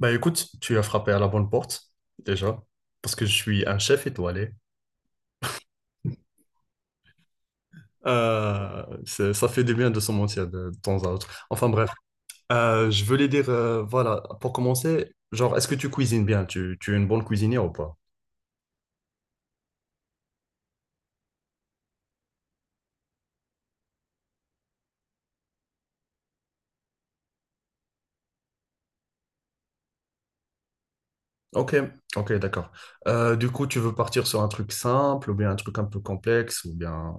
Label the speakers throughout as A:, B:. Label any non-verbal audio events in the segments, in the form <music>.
A: Bah écoute, tu as frappé à la bonne porte, déjà, parce que je suis un chef étoilé. Ça fait du bien de se mentir de temps à autre. Enfin bref, Je voulais dire, voilà, pour commencer, genre, est-ce que tu cuisines bien? Tu es une bonne cuisinière ou pas? Ok, ok, d'accord. Du coup, tu veux partir sur un truc simple ou bien un truc un peu complexe ou bien.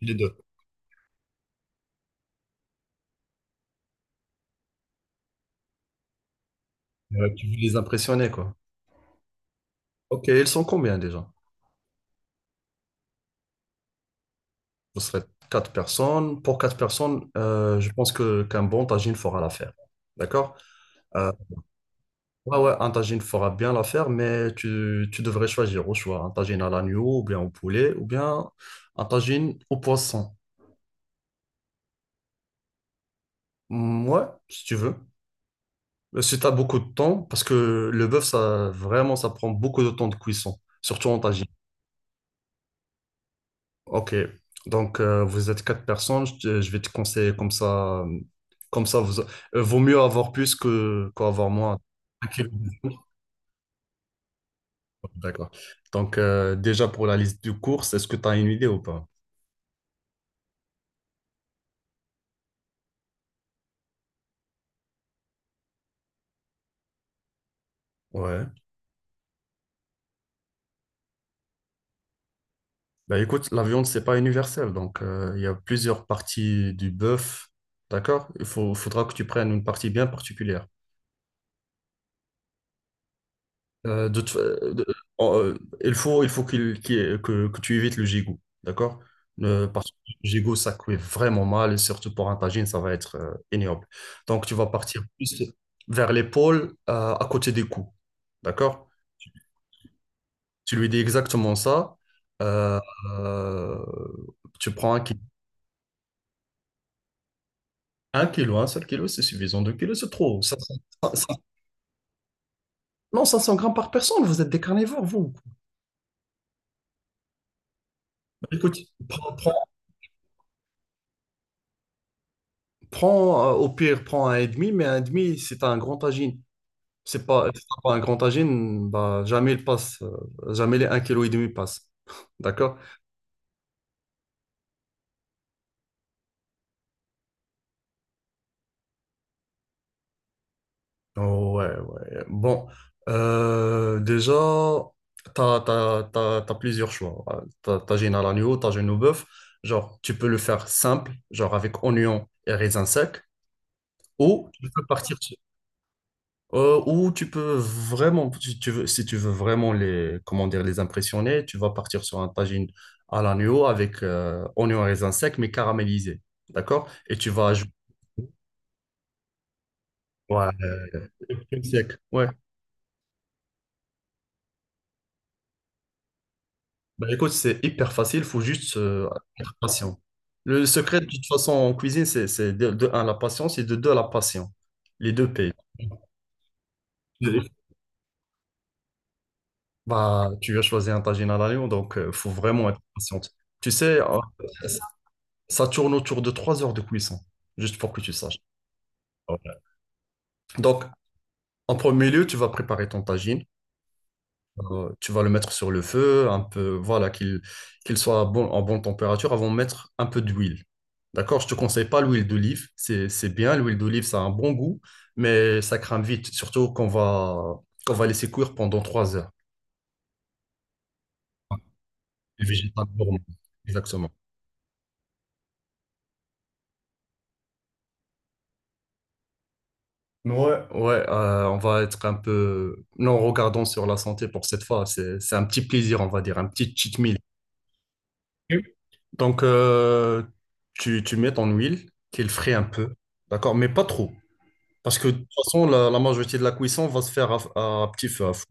A: Les deux. Tu veux les impressionner, quoi. Ok, ils sont combien déjà? Vous serez quatre personnes. Pour quatre personnes, je pense que qu'un bon tagine fera l'affaire. D'accord? Euh, ouais, ouais, un tagine fera bien l'affaire, mais tu devrais choisir au choix un tagine à l'agneau, ou bien au poulet, ou bien un tagine au poisson. Mm, ouais, si tu veux. Si tu as beaucoup de temps, parce que le bœuf, ça, vraiment, ça prend beaucoup de temps de cuisson, surtout en tagine. Ok, donc, vous êtes quatre personnes, je vais te conseiller comme ça, vaut mieux avoir plus que qu'avoir moins. Ok, d'accord. Donc, déjà pour la liste de courses, est-ce que tu as une idée ou pas? Ouais. Bah écoute, la viande, c'est pas universel. Donc, il y a plusieurs parties du bœuf. D'accord? Faudra que tu prennes une partie bien particulière. De toute fa- de- en- Il faut que tu évites le gigot. D'accord? Parce que le gigot, ça cuit vraiment mal. Et surtout pour un tagine, ça va être ignoble. Donc, tu vas partir plus vers l'épaule, à côté des coups. D'accord? Tu lui dis exactement ça. Mhm. Euh, tu prends un seul kilo, c'est suffisant. 2 kilos, c'est trop. 500 500 non, 500 grammes par personne, vous êtes des carnivores, vous. Écoute, prends, prends- au pire, prends un et demi, mais un et demi, c'est un grand tagine. C'est pas, si pas un grand tagine, bah, jamais il passe, jamais les 1,5 kilo passe. <laughs> D'accord? Ouais, ouais. Bon, déjà, t'as plusieurs choix. T'as t'as géné à l'agneau, t'as géné au bœuf. Genre, tu peux le faire simple, genre avec oignon et raisin sec, ou tu peux partir, ou tu peux vraiment, si tu veux vraiment les, comment dire, les impressionner, tu vas partir sur un tagine à l'agneau avec oignon et raisin sec, mais caramélisé. D'accord? Et tu vas ajouter, ouais, crème sec. Ouais. Bah, écoute, c'est hyper facile, faut juste être patient. Le secret, de toute façon, en cuisine, c'est de un, la patience et de deux, la passion. Les deux payent. Oui. <laughs> Bah, tu vas choisir un tagine à l'agneau, donc il faut vraiment être patiente. Tu sais, ça tourne autour de 3 heures de cuisson, juste pour que tu saches. Ouais. Donc, en premier lieu, tu vas préparer ton tagine. Tu vas le mettre sur le feu, un peu, voilà, qu'il soit à bon, en bonne température avant de mettre un peu d'huile. D'accord? Je te conseille pas l'huile d'olive, c'est bien, l'huile d'olive, ça a un bon goût, mais ça crame vite, surtout qu'on va laisser cuire pendant 3 heures. Les végétal gourmand. Exactement. Ouais, ouais, on va être un peu. Non, regardons sur la santé pour cette fois. C'est un petit plaisir, on va dire, un petit cheat meal. Ok. Donc, tu mets ton huile, qu'il frais un peu, d'accord, mais pas trop. Parce que de toute façon, la majorité de la cuisson va se faire à petit feu. À fou.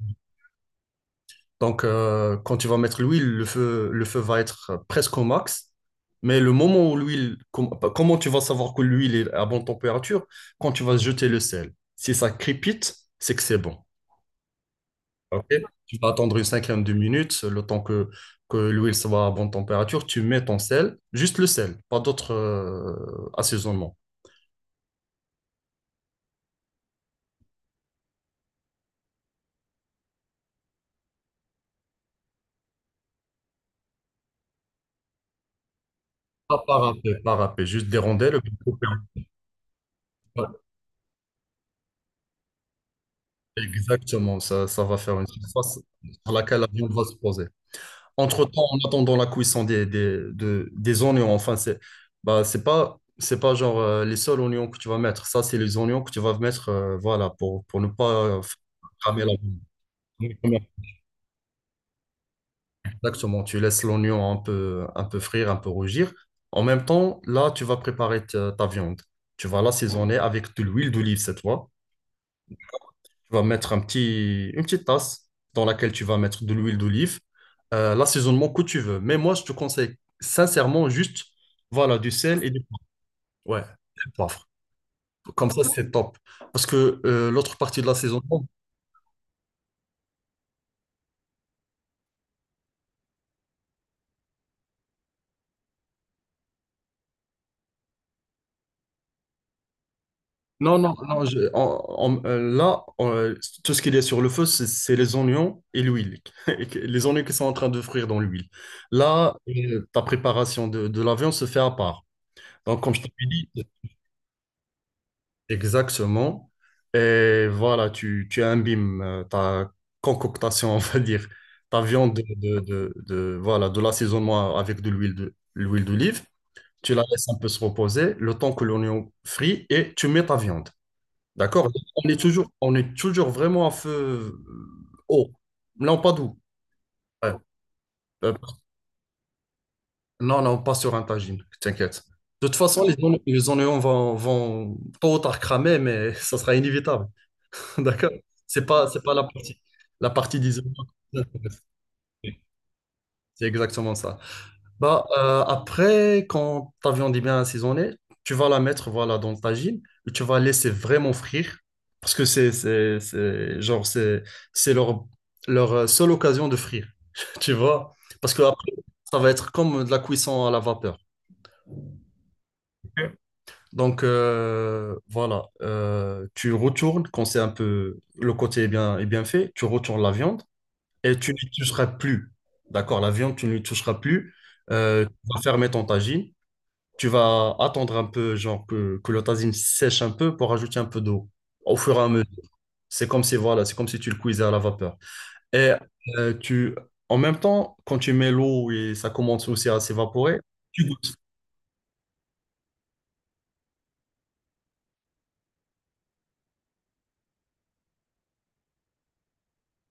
A: Donc, quand tu vas mettre l'huile, le feu va être presque au max. Mais le moment où l'huile, bah, comment tu vas savoir que l'huile est à bonne température? Quand tu vas jeter le sel. Si ça crépite, c'est que c'est bon. Ok. Tu vas attendre une cinquantaine de minutes, le temps que l'huile soit à bonne température. Tu mets ton sel, juste le sel, pas d'autres assaisonnements. Pas parapé, parapé, juste des rondelles. Exactement, ça va faire une surface sur laquelle la viande va se poser. Entre-temps, en attendant la cuisson des oignons, enfin, c'est bah, c'est pas genre les seuls oignons que tu vas mettre. Ça, c'est les oignons que tu vas mettre voilà, pour ne pas faire cramer la viande. Exactement, tu laisses l'oignon un peu frire, un peu rougir. En même temps, là, tu vas préparer ta viande. Tu vas l'assaisonner avec de l'huile d'olive cette fois. Tu vas mettre un petit, une petite tasse dans laquelle tu vas mettre de l'huile d'olive, l'assaisonnement que tu veux. Mais moi, je te conseille sincèrement juste, voilà, du sel et du ouais, du poivre. Comme ça, c'est top. Parce que l'autre partie de l'assaisonnement, non, non, non, là, tout ce qu'il y a sur le feu, c'est les oignons et l'huile. <laughs> Et les oignons qui sont en train de frire dans l'huile. Là, ta préparation de la viande se fait à part. Donc, comme je t'ai dit. Exactement. Et voilà, tu imbimes ta concoctation, <laughs> on va dire, ta viande voilà, de l'assaisonnement avec de l'huile l'huile d'olive. Tu la laisses un peu se reposer le temps que l'oignon frit et tu mets ta viande. D'accord? On est toujours vraiment à feu haut. Non, pas doux. Ouais. Euh, non, non, pas sur un tagine, t'inquiète. De toute façon, les oignons vont tôt ou tard cramer, mais <laughs> ça sera inévitable. <laughs> D'accord? C'est pas la partie d'isolement. C'est exactement ça. Bah, après, quand ta viande est bien assaisonnée, tu vas la mettre voilà, dans le tagine et tu vas laisser vraiment frire parce que c'est leur seule occasion de frire, <laughs> tu vois? Parce que après, ça va être comme de la cuisson à la vapeur. Ok. Donc voilà. Tu retournes quand c'est un peu le côté est bien fait, tu retournes la viande et tu n'y toucheras plus. D'accord, la viande, tu ne lui toucheras plus. Tu vas fermer ton tagine. Tu vas attendre un peu, genre que le tagine sèche un peu pour ajouter un peu d'eau au fur et à mesure. C'est comme si, voilà, c'est comme si tu le cuisais à la vapeur. Et euh, tu, en même temps, quand tu mets l'eau et ça commence aussi à s'évaporer, tu goûtes.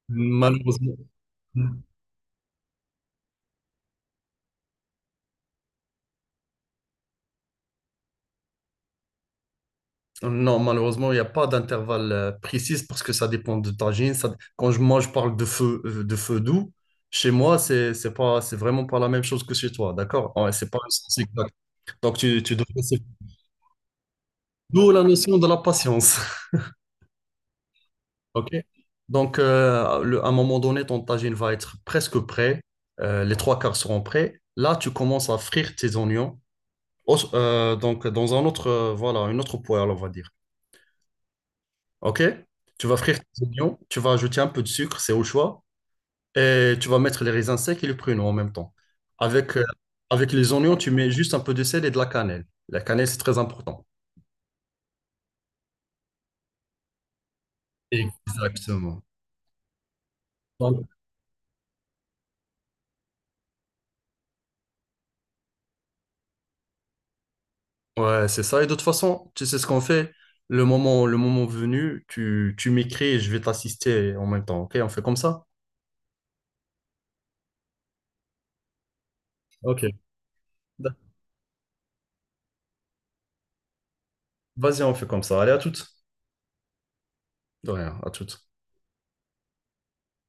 A: Malheureusement, Non, malheureusement, il n'y a pas d'intervalle précis parce que ça dépend de ta gym. Quand je, moi, je parle de feu doux, chez moi, c'est pas, c'est vraiment pas la même chose que chez toi, d'accord? Ah ouais, c'est pas le sens exact. Donc, tu dois passer. D'où la notion de la patience, <laughs> ok? Donc, à un moment donné, ton tagine va être presque prêt. Les trois quarts seront prêts. Là, tu commences à frire tes oignons. Donc, dans un autre, voilà, une autre poêle, on va dire. OK? Tu vas frire tes oignons, tu vas ajouter un peu de sucre, c'est au choix, et tu vas mettre les raisins secs et le pruneau en même temps. Avec, euh, Avec les oignons, tu mets juste un peu de sel et de la cannelle. La cannelle, c'est très important. Exactement. Donc, ouais, c'est ça. Et de toute façon, tu sais ce qu'on fait. Le moment venu, tu m'écris et je vais t'assister en même temps. OK? On fait comme ça? OK. Vas-y, on fait comme ça. Allez, à toutes. De rien, à toutes.